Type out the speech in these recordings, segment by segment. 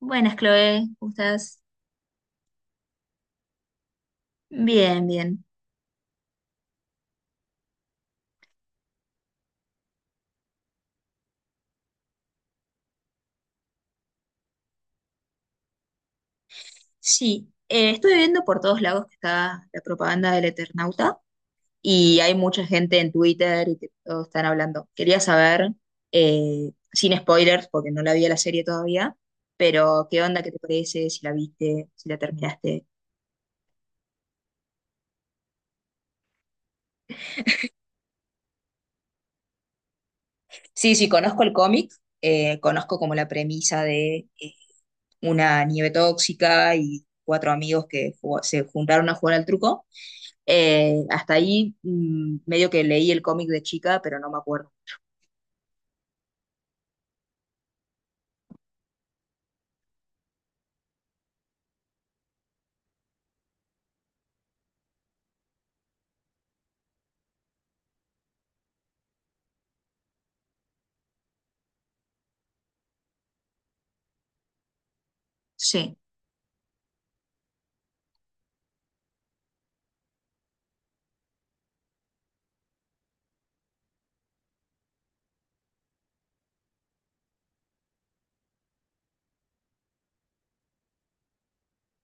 Buenas, Chloe, ¿cómo estás? Bien, bien. Sí, estuve viendo por todos lados que está la propaganda del Eternauta y hay mucha gente en Twitter y que todos están hablando. Quería saber, sin spoilers, porque no la vi a la serie todavía, pero ¿qué onda? ¿Qué te parece? Si la viste, si la terminaste. Sí, sí, conozco el cómic, conozco como la premisa de una nieve tóxica y cuatro amigos que se juntaron a jugar al truco. Hasta ahí medio que leí el cómic de chica, pero no me acuerdo. Sí,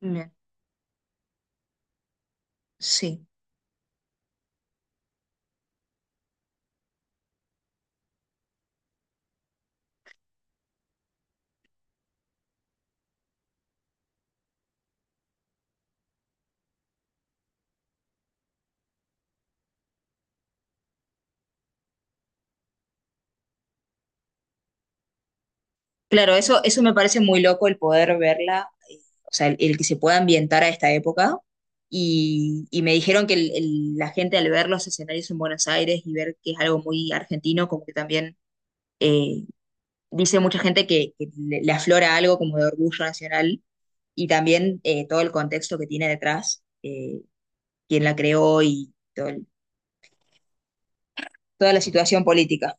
bien, sí. Claro, eso me parece muy loco el poder verla, o sea, el que se pueda ambientar a esta época. Y me dijeron que la gente al ver los escenarios en Buenos Aires y ver que es algo muy argentino, como que también eh, dice mucha gente que le aflora algo como de orgullo nacional y también, todo el contexto que tiene detrás, quién la creó y toda la situación política.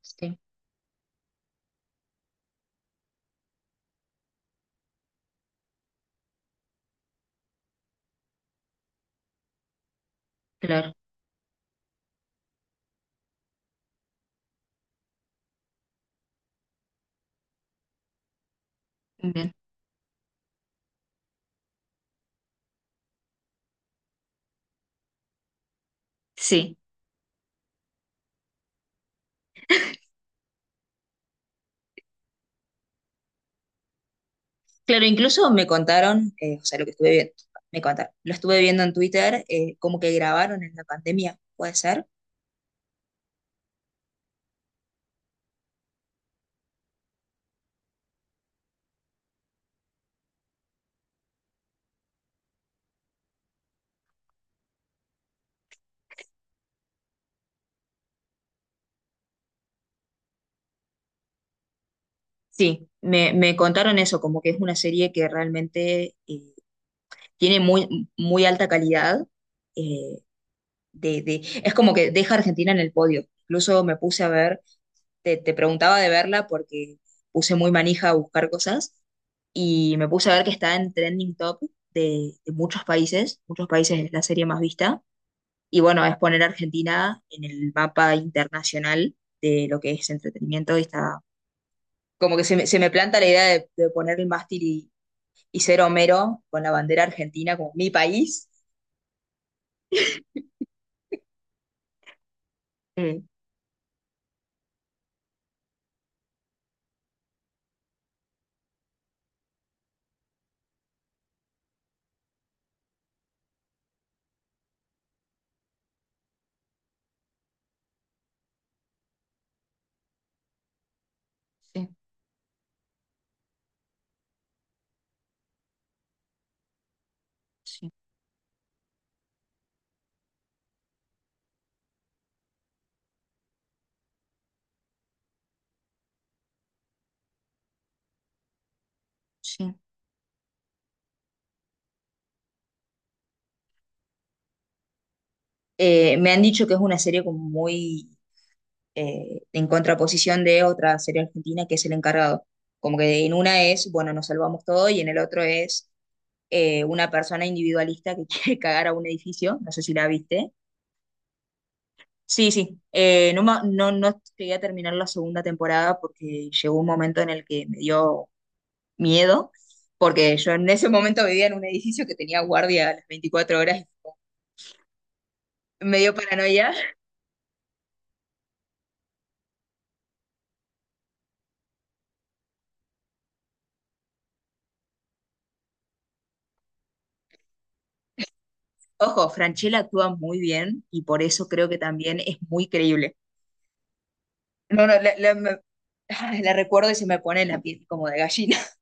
Sí, claro, bien. Sí, claro, incluso me contaron, o sea, lo que estuve viendo, me contaron, lo estuve viendo en Twitter, como que grabaron en la pandemia, ¿puede ser? Sí, me contaron eso, como que es una serie que realmente tiene muy, muy alta calidad, eh, es como que deja a Argentina en el podio. Incluso me puse a ver te preguntaba de verla porque puse muy manija a buscar cosas y me puse a ver que está en trending top de muchos países es la serie más vista, y bueno, es poner a Argentina en el mapa internacional de lo que es entretenimiento y está como que se me planta la idea de poner el mástil y ser Homero con la bandera argentina como mi país. Eh, Sí, sí, sí. Me han dicho que es una serie como muy en contraposición de otra serie argentina que es El Encargado. Como que en una es, bueno, nos salvamos todo y en el otro es una persona individualista que quiere cagar a un edificio, no sé si la viste. Sí, sí, no, no, no llegué a terminar la segunda temporada porque llegó un momento en el que me dio miedo, porque yo en ese momento vivía en un edificio que tenía guardia a las 24 horas, me dio paranoia. Ojo, Franchella actúa muy bien y por eso creo que también es muy creíble. No, no, ay, la recuerdo y se me pone la piel como de gallina.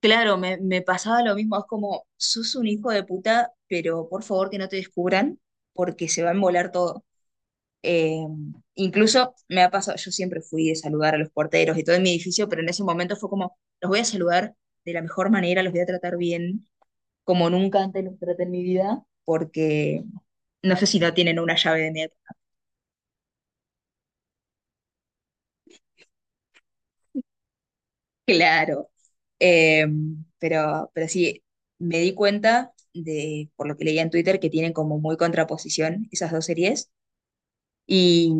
Claro, me pasaba lo mismo, es como, sos un hijo de puta, pero por favor que no te descubran, porque se va a embolar todo. Eh, Incluso me ha pasado, yo siempre fui de saludar a los porteros y todo en mi edificio, pero en ese momento fue como, los voy a saludar de la mejor manera, los voy a tratar bien, como nunca antes los traté en mi vida, porque no sé si no tienen una llave de mi. Claro. Eh, pero sí, me di cuenta de, por lo que leía en Twitter, que tienen como muy contraposición esas dos series y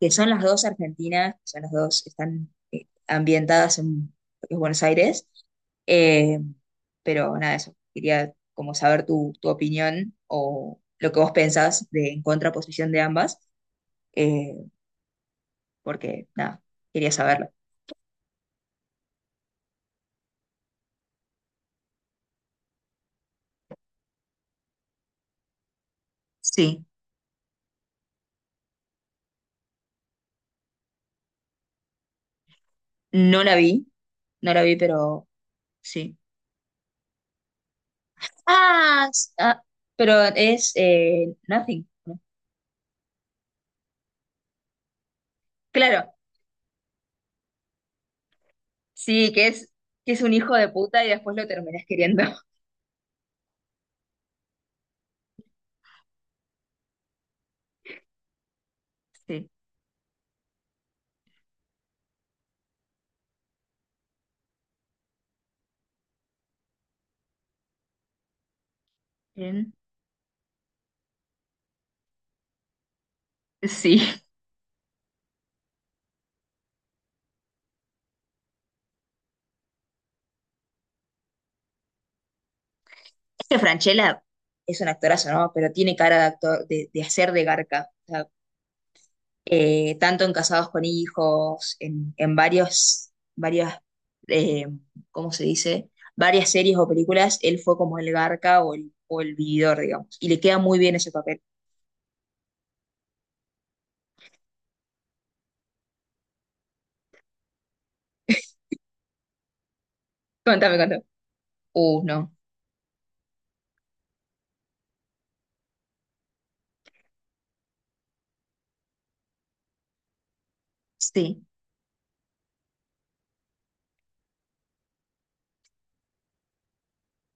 que son las dos argentinas, son las dos, están, ambientadas en lo que es Buenos Aires. Eh, pero nada, eso, quería como saber tu opinión o lo que vos pensás de en contraposición de ambas, eh, porque nada, quería saberlo. Sí, no la vi, no la vi, pero sí. Ah, ah, pero es Nothing. Claro, sí, que es un hijo de puta y después lo terminas queriendo. Sí. Bien. Sí. Este Franchella es un actorazo, ¿no? Pero tiene cara de actor, de hacer de garca. O sea, tanto en Casados con Hijos, en varios, varias, eh, ¿cómo se dice? Varias series o películas, él fue como el garca o el vividor, digamos. Y le queda muy bien ese papel. Contame, contame. No. Sí.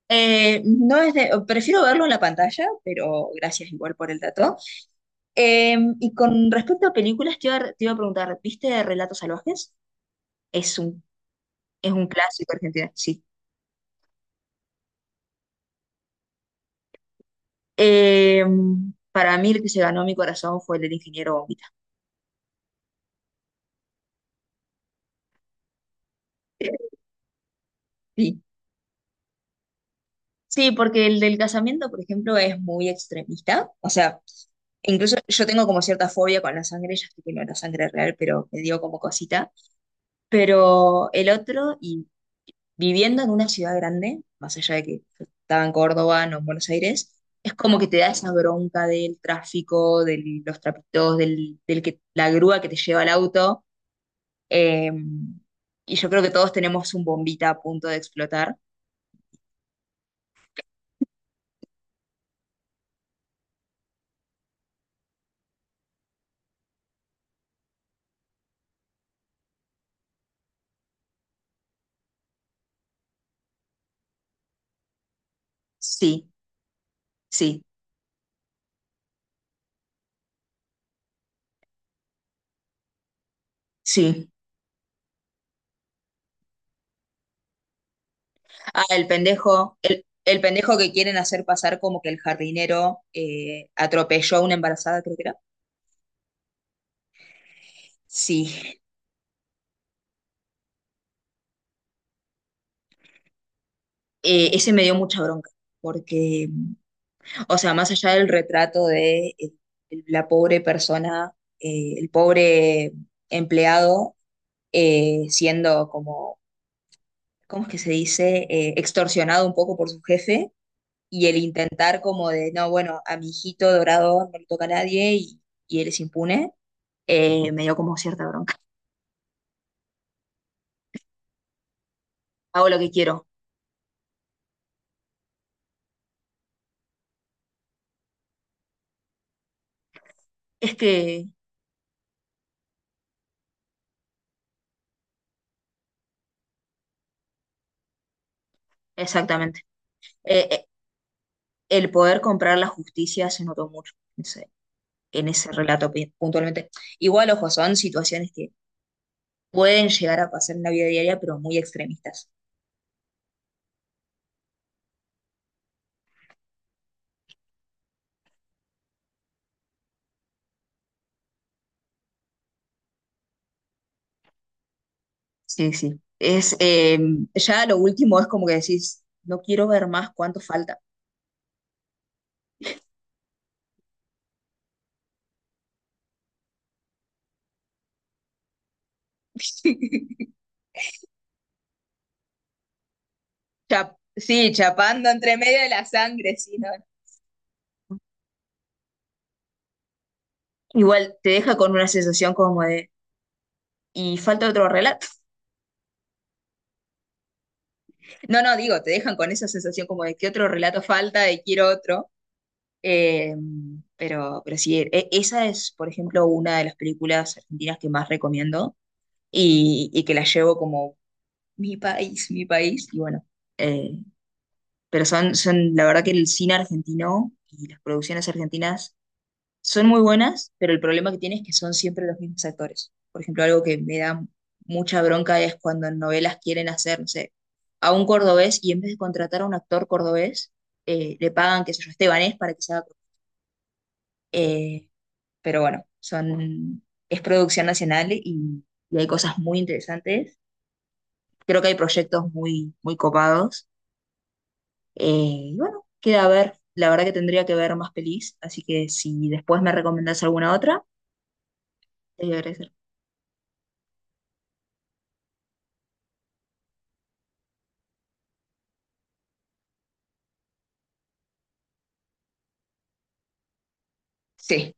No es de- prefiero verlo en la pantalla, pero gracias igual por el dato. Y con respecto a películas, te iba a preguntar, ¿viste Relatos Salvajes? Es un, es un clásico argentino, sí. Eh, para mí el que se ganó mi corazón fue el del ingeniero Bombita. Sí. Sí, porque el del casamiento, por ejemplo, es muy extremista. O sea, incluso yo tengo como cierta fobia con la sangre, ya sé que no era sangre real, pero me dio como cosita. Pero el otro, y viviendo en una ciudad grande, más allá de que yo estaba en Córdoba, no en Buenos Aires, es como que te da esa bronca del tráfico, de los trapitos, la grúa que te lleva al auto. eh, y yo creo que todos tenemos un bombita a punto de explotar. Sí, sí, sí. Ah, el pendejo, el pendejo que quieren hacer pasar como que el jardinero atropelló a una embarazada, creo que era. Sí. Ese me dio mucha bronca, porque o sea, más allá del retrato de, la pobre persona, el pobre empleado siendo como, ¿cómo es que se dice? Extorsionado un poco por su jefe y el intentar como de, no, bueno, a mi hijito dorado no le toca a nadie y, y él es impune, me dio como cierta bronca. Hago lo que quiero. Es que, exactamente. Eh, eh, el poder comprar la justicia se notó mucho en ese relato puntualmente. Igual, ojo, son situaciones que pueden llegar a pasar en la vida diaria, pero muy extremistas. Sí, sí. Es, ya lo último es como que decís, no quiero ver más, cuánto falta. Sí, chapando entre medio de la sangre, sí, ¿no? Igual te deja con una sensación como de, ¿y falta otro relato? No, no, digo, te dejan con esa sensación como de que otro relato falta, de quiero otro. Eh, pero sí, esa es, por ejemplo, una de las películas argentinas que más recomiendo y que la llevo como mi país, y bueno, eh, pero son, son, la verdad que el cine argentino y las producciones argentinas son muy buenas, pero el problema que tiene es que son siempre los mismos actores. Por ejemplo, algo que me da mucha bronca es cuando en novelas quieren hacer, no sé, a un cordobés y en vez de contratar a un actor cordobés, le pagan, qué sé yo, estebanés para que se haga cordobés. eh, pero bueno, son, es producción nacional y hay cosas muy interesantes. Creo que hay proyectos muy, muy copados. Y bueno, queda a ver. La verdad que tendría que ver más pelis, así que si después me recomendás alguna otra, te voy a agradecer. Sí,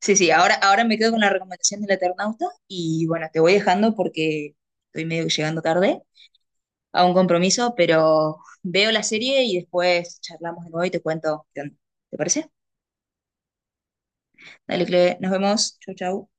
sí, sí. Ahora, ahora me quedo con la recomendación del Eternauta y bueno, te voy dejando porque estoy medio que llegando tarde a un compromiso, pero veo la serie y después charlamos de nuevo y te cuento qué onda. ¿Te parece? Dale, Cle, nos vemos. Chau, chau.